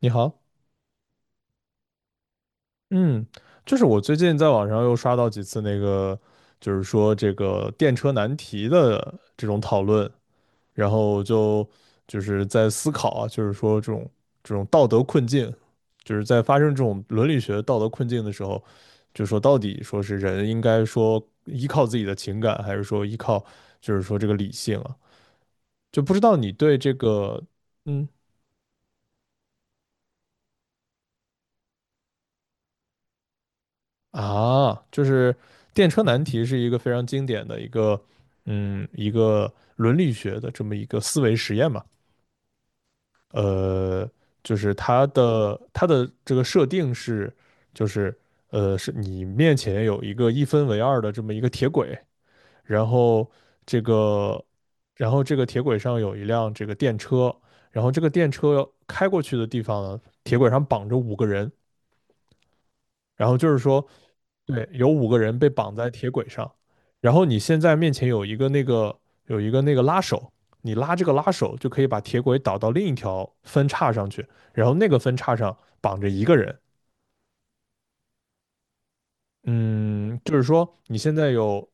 你好。嗯，就是我最近在网上又刷到几次那个，就是说这个电车难题的这种讨论，然后就是在思考啊，就是说这种道德困境，就是在发生这种伦理学道德困境的时候，就说到底说是人应该说依靠自己的情感，还是说依靠就是说这个理性啊？就不知道你对这个，嗯，啊，就是电车难题是一个非常经典的一个，嗯，一个伦理学的这么一个思维实验嘛。呃，就是它的这个设定是，就是是你面前有一个一分为二的这么一个铁轨，然后这个，然后这个铁轨上有一辆这个电车，然后这个电车开过去的地方呢，铁轨上绑着五个人，然后就是说，对，有五个人被绑在铁轨上，然后你现在面前有一个那个拉手，你拉这个拉手就可以把铁轨导到另一条分叉上去，然后那个分叉上绑着一个人。嗯，就是说你现在有，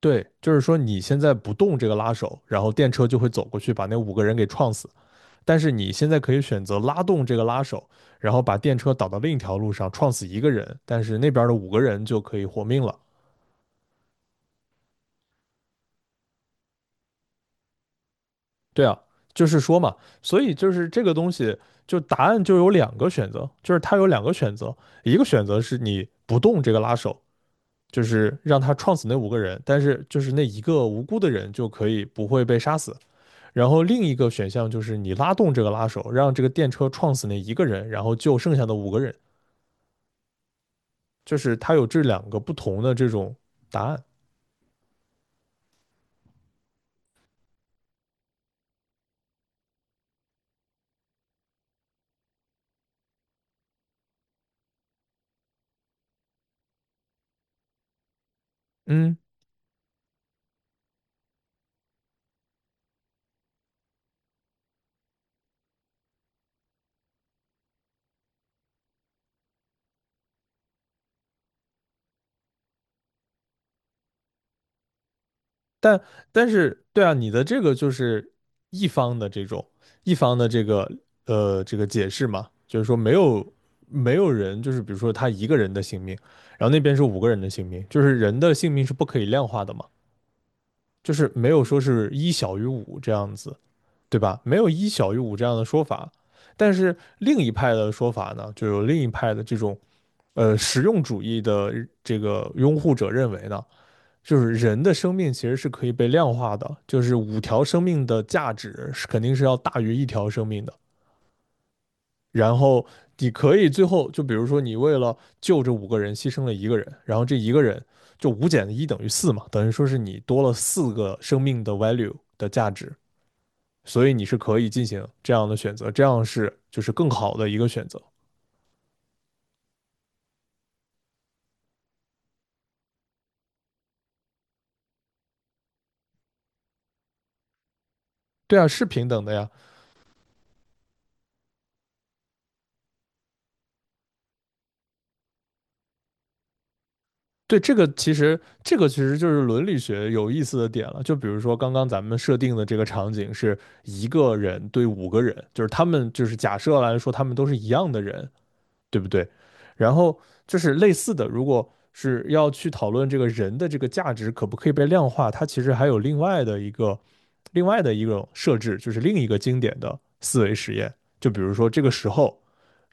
对，就是说你现在不动这个拉手，然后电车就会走过去把那五个人给撞死。但是你现在可以选择拉动这个拉手，然后把电车导到另一条路上，撞死一个人，但是那边的五个人就可以活命了。对啊，就是说嘛，所以就是这个东西，就答案就有两个选择，就是它有两个选择，一个选择是你不动这个拉手，就是让他撞死那五个人，但是就是那一个无辜的人就可以不会被杀死。然后另一个选项就是你拉动这个拉手，让这个电车撞死那一个人，然后救剩下的五个人，就是它有这两个不同的这种答案。嗯。但但是，对啊，你的这个就是一方的这种一方的这个这个解释嘛，就是说没有人，就是比如说他一个人的性命，然后那边是五个人的性命，就是人的性命是不可以量化的嘛，就是没有说是一小于五这样子，对吧？没有一小于五这样的说法。但是另一派的说法呢，就有另一派的这种实用主义的这个拥护者认为呢。就是人的生命其实是可以被量化的，就是5条生命的价值是肯定是要大于1条生命的。然后你可以最后就比如说你为了救这五个人牺牲了一个人，然后这一个人就5减1等于4嘛，等于说是你多了4个生命的 value 的价值，所以你是可以进行这样的选择，这样是就是更好的一个选择。对啊，是平等的呀。对，这个其实就是伦理学有意思的点了。就比如说刚刚咱们设定的这个场景是一个人对五个人，就是他们就是假设来说他们都是一样的人，对不对？然后就是类似的，如果是要去讨论这个人的这个价值可不可以被量化，它其实还有另外的一种设置，就是另一个经典的思维实验。就比如说这个时候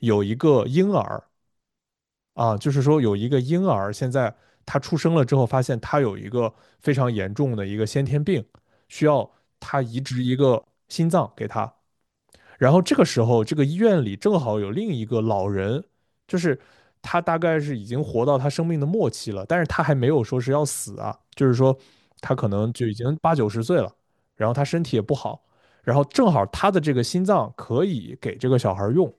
有一个婴儿，啊，就是说有一个婴儿现在他出生了之后，发现他有一个非常严重的一个先天病，需要他移植一个心脏给他。然后这个时候，这个医院里正好有另一个老人，就是他大概是已经活到他生命的末期了，但是他还没有说是要死啊，就是说他可能就已经八九十岁了，然后他身体也不好，然后正好他的这个心脏可以给这个小孩用，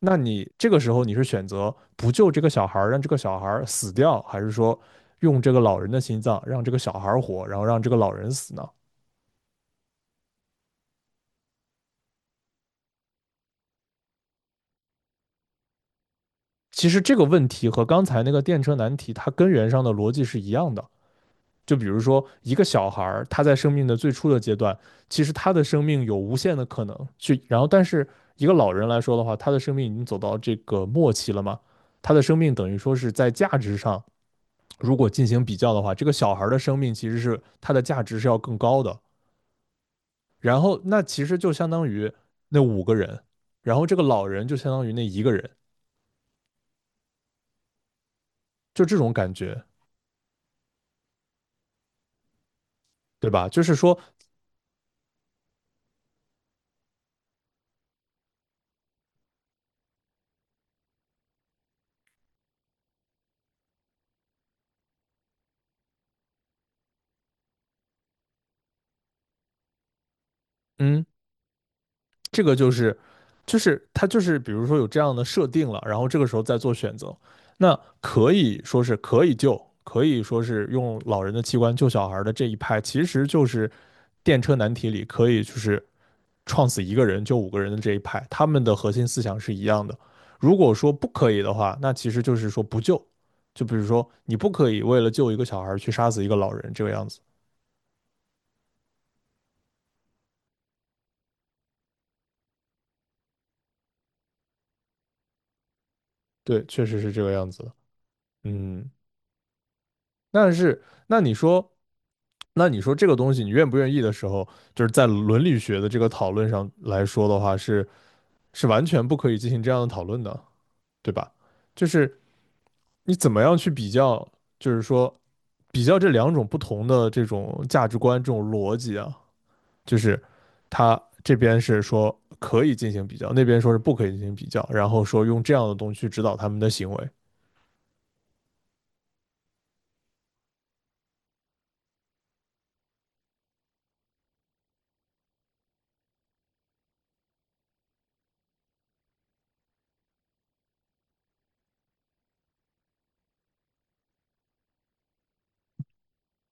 那你这个时候你是选择不救这个小孩儿，让这个小孩儿死掉，还是说用这个老人的心脏让这个小孩儿活，然后让这个老人死呢？其实这个问题和刚才那个电车难题，它根源上的逻辑是一样的。就比如说一个小孩儿，他在生命的最初的阶段，其实他的生命有无限的可能去，然后但是一个老人来说的话，他的生命已经走到这个末期了嘛，他的生命等于说是在价值上如果进行比较的话，这个小孩的生命其实是它的价值是要更高的。然后那其实就相当于那五个人，然后这个老人就相当于那一个人，就这种感觉，对吧？就是说，嗯，这个就是他就是比如说有这样的设定了，然后这个时候再做选择，那可以说是可以救，可以说是用老人的器官救小孩的这一派，其实就是电车难题里可以就是创死一个人就五个人的这一派，他们的核心思想是一样的。如果说不可以的话，那其实就是说不救。就比如说，你不可以为了救一个小孩去杀死一个老人，这个样子。对，确实是这个样子的。嗯，但是那你说，那你说这个东西你愿不愿意的时候，就是在伦理学的这个讨论上来说的话，是完全不可以进行这样的讨论的，对吧？就是你怎么样去比较？就是说，比较这两种不同的这种价值观、这种逻辑啊，就是他这边是说可以进行比较，那边说是不可以进行比较，然后说用这样的东西去指导他们的行为。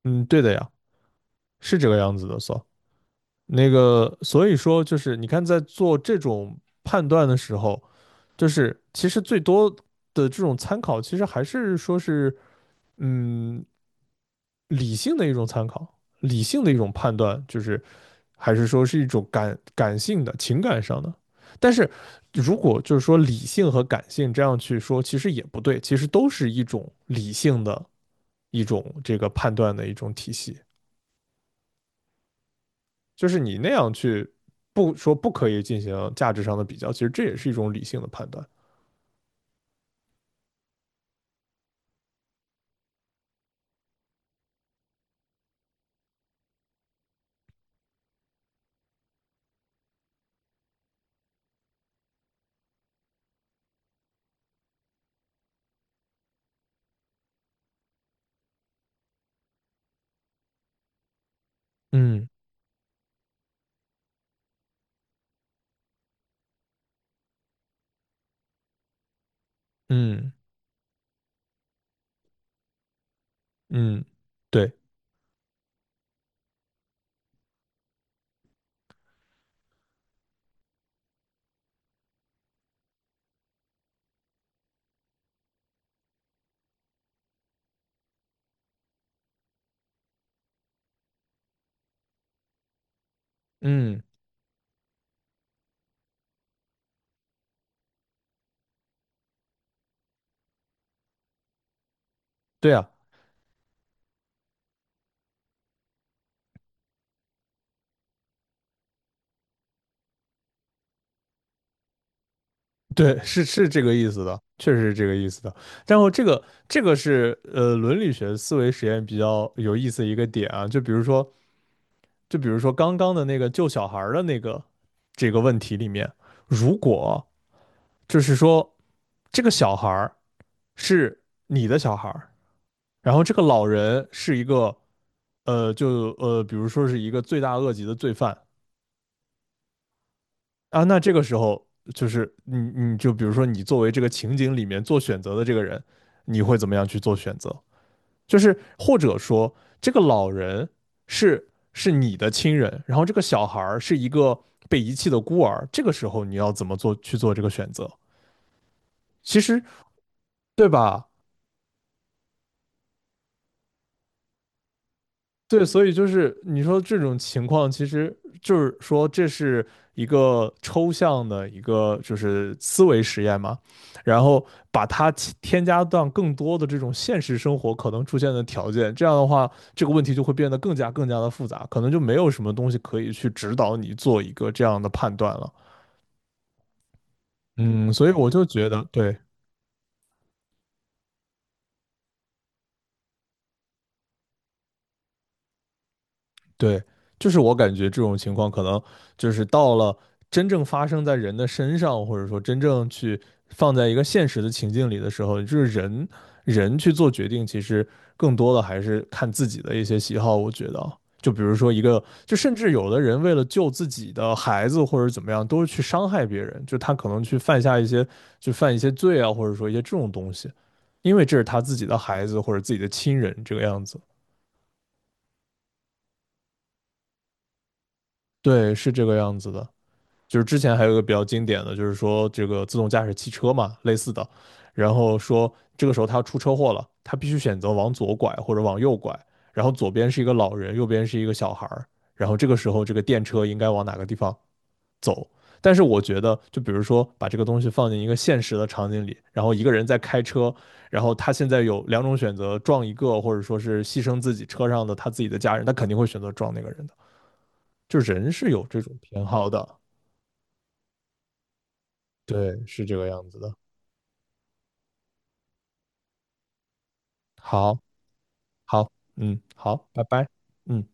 嗯，对的呀，是这个样子的，so。所那个，所以说就是你看，在做这种判断的时候，就是其实最多的这种参考，其实还是说是，嗯，理性的一种参考，理性的一种判断，就是还是说是一种感性的情感上的。但是如果就是说理性和感性这样去说，其实也不对，其实都是一种理性的一种这个判断的一种体系。就是你那样去不说不可以进行价值上的比较，其实这也是一种理性的判断。嗯嗯。嗯，对，嗯，对啊，对，是这个意思的，确实是这个意思的。然后这个这个是伦理学思维实验比较有意思的一个点啊，就比如说就比如说刚刚的那个救小孩儿的那个这个问题里面，如果就是说这个小孩儿是你的小孩儿，然后这个老人是一个呃就呃比如说是一个罪大恶极的罪犯。啊，那这个时候就是你就比如说你作为这个情景里面做选择的这个人，你会怎么样去做选择？就是或者说这个老人是是你的亲人，然后这个小孩儿是一个被遗弃的孤儿，这个时候你要怎么做去做这个选择？其实对吧？对，所以就是你说这种情况，其实就是说这是一个抽象的一个就是思维实验嘛，然后把它添加到更多的这种现实生活可能出现的条件，这样的话，这个问题就会变得更加更加的复杂，可能就没有什么东西可以去指导你做一个这样的判断了。嗯，所以我就觉得，对。对，就是我感觉这种情况可能就是到了真正发生在人的身上，或者说真正去放在一个现实的情境里的时候，就是人去做决定，其实更多的还是看自己的一些喜好。我觉得啊就比如说一个，就甚至有的人为了救自己的孩子或者怎么样，都是去伤害别人，就他可能去犯下一些就犯一些罪啊，或者说一些这种东西，因为这是他自己的孩子或者自己的亲人这个样子。对，是这个样子的。就是之前还有一个比较经典的，就是说这个自动驾驶汽车嘛，类似的，然后说这个时候他出车祸了，他必须选择往左拐或者往右拐，然后左边是一个老人，右边是一个小孩儿，然后这个时候这个电车应该往哪个地方走？但是我觉得，就比如说把这个东西放进一个现实的场景里，然后一个人在开车，然后他现在有两种选择，撞一个或者说是牺牲自己车上的他自己的家人，他肯定会选择撞那个人的。就人是有这种偏好的，对，是这个样子的。好，好，嗯，好，拜拜，嗯。